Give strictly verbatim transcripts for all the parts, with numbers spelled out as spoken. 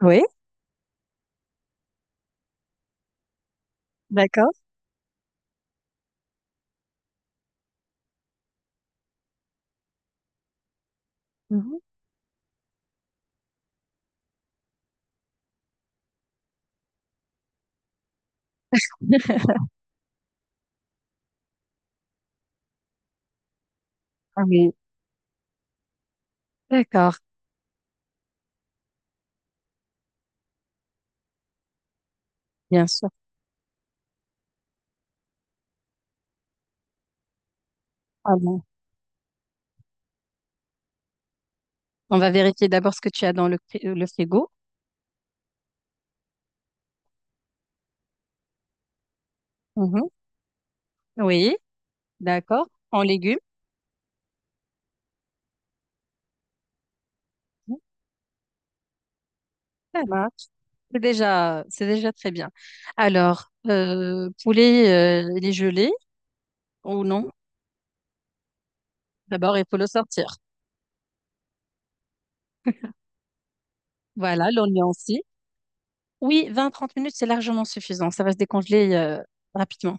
Oui, d'accord. Mmh. Ah oui, d'accord, bien sûr. Avant. On va vérifier d'abord ce que tu as dans le fri euh, le frigo. Mmh. Oui, d'accord, en légumes. Mmh, ça marche. C'est déjà c'est déjà très bien. Alors, heu, poulet, heu, il est gelé ou non? D'abord, il faut le sortir. Voilà, l'oignon aussi. Oui, vingt trente minutes, c'est largement suffisant. Ça va se décongeler, heu, rapidement.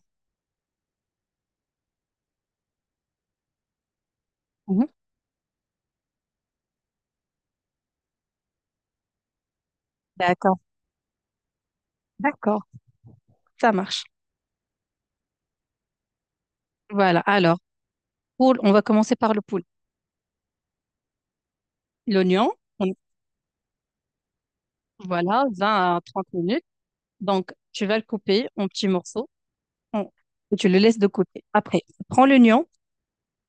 Mmh. D'accord, d'accord, ça marche. Voilà, alors, poule, on va commencer par le poule. L'oignon. Voilà, vingt à trente minutes. Donc, tu vas le couper en petits morceaux en- et tu le laisses de côté. Après, prends l'oignon.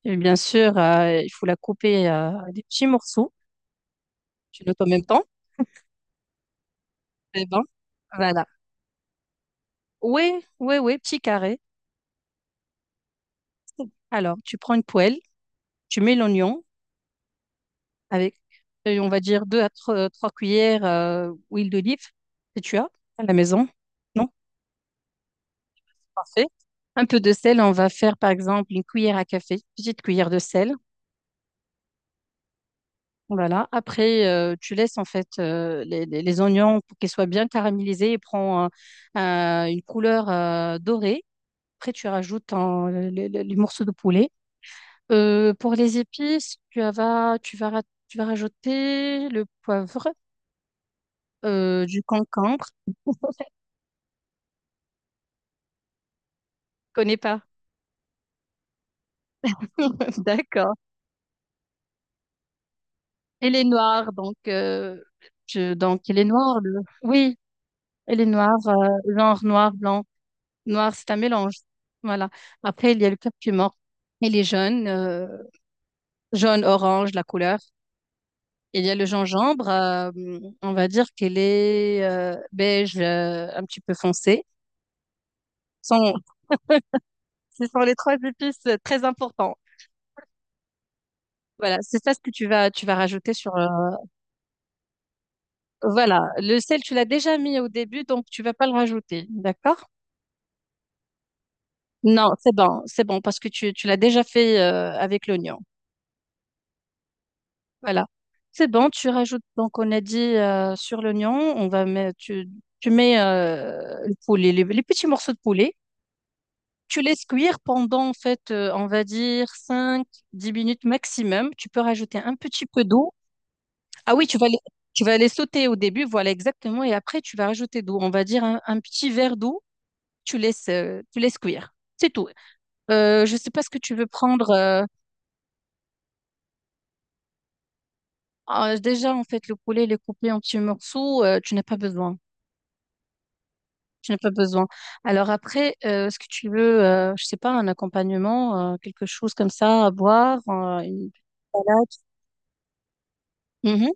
Et bien sûr, euh, il faut la couper, euh, des petits morceaux. Tu notes en même temps. Eh ben, voilà. Oui, oui, oui, petit carré. Alors, tu prends une poêle, tu mets l'oignon avec, euh, on va dire, deux à tro- trois cuillères, euh, huile d'olive que tu as à la maison. Non? Parfait. Un peu de sel, on va faire par exemple une cuillère à café, petite cuillère de sel. Voilà. Après, euh, tu laisses en fait, euh, les, les- les oignons pour qu'ils soient bien caramélisés et prend, euh, euh, une couleur, euh, dorée. Après, tu rajoutes en- le- le- le- les morceaux de poulet. Euh, pour les épices, tu vas, tu vas, ra- tu vas rajouter le poivre, euh, du concombre. Je connais pas. D'accord. Elle est noire, donc, euh, je- donc elle est noire. Le... Oui, elle est noire, euh, genre noir, blanc. Noir, c'est un mélange. Voilà. Après, il y a le curcuma. Il est jaune, euh, jaune, orange, la couleur. Il y a le gingembre. euh, on va dire qu'il est, euh, beige, euh, un petit peu foncé. Ce sont, ce sont les trois épices, euh, très importants. Voilà, c'est ça ce que tu vas, tu vas rajouter sur. euh, voilà, le sel, tu l'as déjà mis au début, donc tu vas pas le rajouter. D'accord? Non, c'est bon, c'est bon, parce que tu, tu l'as déjà fait, euh, avec l'oignon. Voilà. C'est bon, tu rajoutes, donc on a dit, euh, sur l'oignon, on va mettre, tu, tu mets, euh, le poulet, les, les petits morceaux de poulet. Tu laisses cuire pendant, en fait, euh, on va dire cinq dix minutes maximum. Tu peux rajouter un petit peu d'eau. Ah oui, tu vas les, tu vas les sauter au début, voilà exactement. Et après, tu vas rajouter d'eau. On va dire un, un petit verre d'eau. Tu laisses, euh, tu laisses cuire. C'est tout. Euh, je ne sais pas ce que tu veux prendre. euh, ah, déjà, en fait, le poulet, il est coupé en petits morceaux. euh, tu n'as pas besoin. Je n'ai pas besoin. Alors après, euh, est-ce que tu veux, euh, je sais pas, un accompagnement, euh, quelque chose comme ça à boire, euh, une petite salade? Mhm.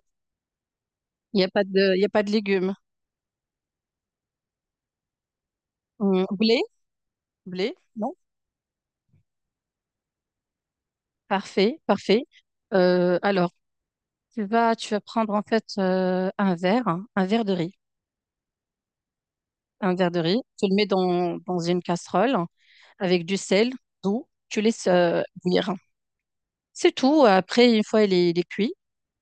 Il n'y a pas de, il y a pas de légumes. Hum, Blé? Blé? Non? Parfait, parfait. Euh, alors, tu vas, tu vas prendre en fait, euh, un verre, hein, un verre de riz, un verre de riz. Tu le mets dans, dans une casserole avec du sel, d'eau. Tu laisses, euh, bouillir. C'est tout. Après, une fois il est, il est cuit,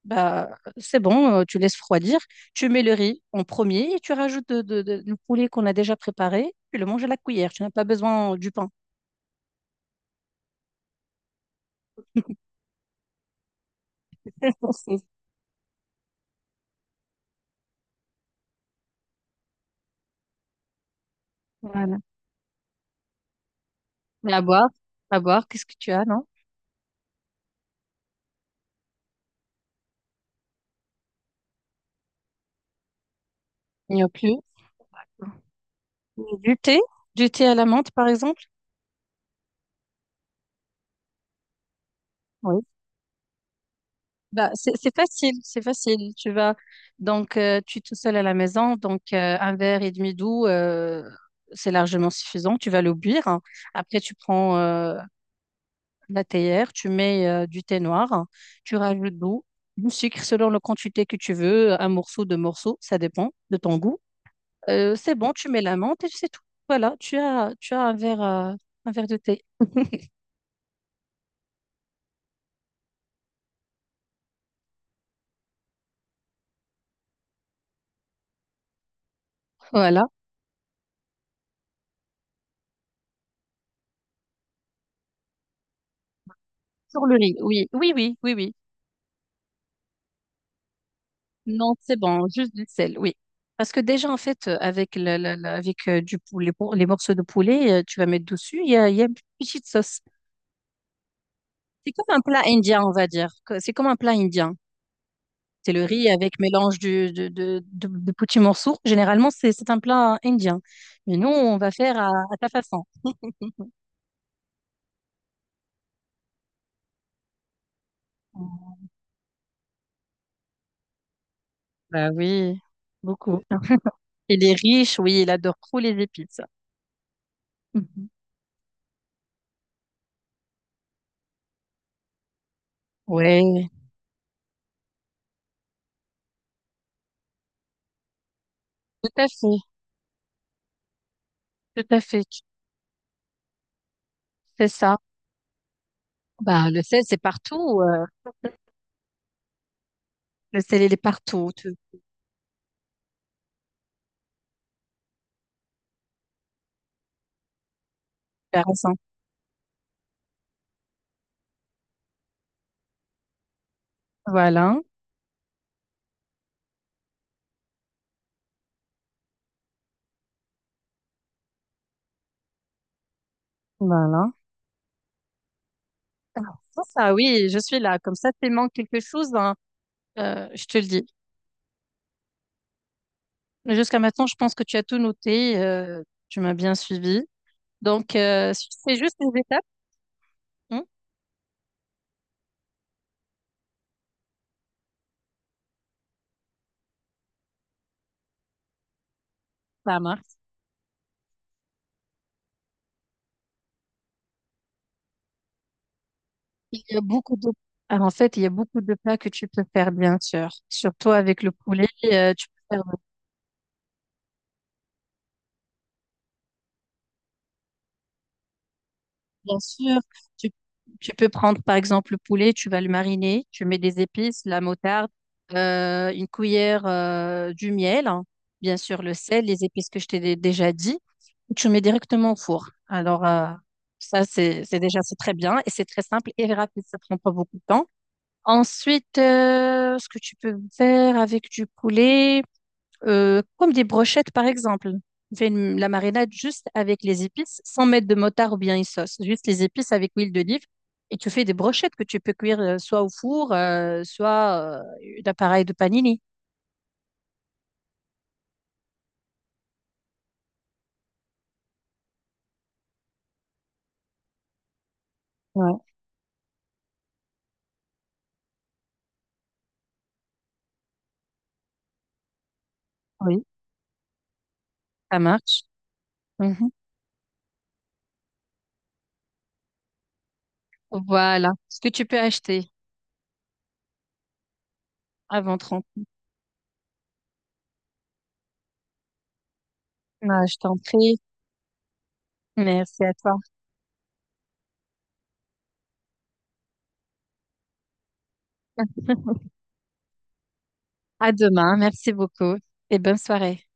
bah, c'est bon, euh, tu laisses refroidir, tu mets le riz en premier et tu rajoutes de- de- de- le poulet qu'on a déjà préparé, tu le manges à la cuillère, tu n'as pas besoin du pain. C'est- Voilà. Mais à boire, à boire, qu'est-ce que tu as, non? Il n'y a plus. Du thé, du thé à la menthe par exemple. Oui. Bah, c'est c'est facile, c'est facile. Tu vas donc euh, tu es tout seul à la maison, donc, euh, un verre et demi d'eau, euh, c'est largement suffisant. Tu vas le boire. Après, tu prends, euh, la théière, tu mets, euh, du thé noir, tu rajoutes de l'eau, du sucre selon la quantité que tu veux, un morceau, deux morceaux, ça dépend de ton goût. Euh, c'est bon, tu mets la menthe et c'est tout. Voilà, tu as, tu as un verre, euh, un verre de thé. Voilà. Sur le riz, oui, oui, oui, oui, oui. Non, c'est bon, juste du sel, oui. Parce que déjà, en fait, euh, avec, la- la- la- avec, euh, du poulet, pour- les morceaux de poulet, euh, tu vas mettre dessus, il y a, il y a une petite sauce. C'est comme un plat indien, on va dire. que- C'est comme un plat indien. C'est le riz avec mélange du- de, de, de, de petits morceaux. Généralement, c'est c'est un plat indien. Mais nous, on va faire à, à ta façon. Bah oui, beaucoup. Il est riche, oui, il adore trop les épices. Mhm. Ouais, tout à fait, tout à fait. C'est ça. Bah, le sel, c'est partout. euh, le sel, il est partout. Tu tu raison. Voilà, voilà. Ah, Ça, ça, oui, je suis là. Comme ça, s'il manque quelque chose, hein, euh, je te le dis. Mais jusqu'à maintenant, je pense que tu as tout noté. euh, tu m'as bien suivi. Donc, euh, si tu fais juste les étapes, hein, ça marche. Il y a beaucoup de... Ah, en fait, il y a beaucoup de plats que tu peux faire, bien sûr. Surtout avec le poulet, euh, tu peux faire, euh, bien sûr, tu, tu peux prendre, par exemple, le poulet, tu vas le mariner, tu mets des épices, la moutarde, euh, une cuillère, euh, du miel, hein, bien sûr, le sel, les épices que je t'ai dé- déjà dit. Tu mets directement au four. Alors, euh, ça, c'est c'est déjà, c'est très bien et c'est très simple et rapide, ça prend pas beaucoup de temps. Ensuite, euh, ce que tu peux faire avec du poulet, euh, comme des brochettes par exemple. Tu fais une- la marinade juste avec les épices, sans mettre de motard ou bien une sauce. Juste les épices avec huile d'olive. Et tu fais des brochettes que tu peux cuire, euh, soit au four, euh, soit, euh, d'appareil de panini. Ouais, oui, ça marche. Mhm. Voilà ce que tu peux acheter avant trente... Ah, je t'en prie. Merci à toi. À demain. Merci beaucoup et bonne soirée.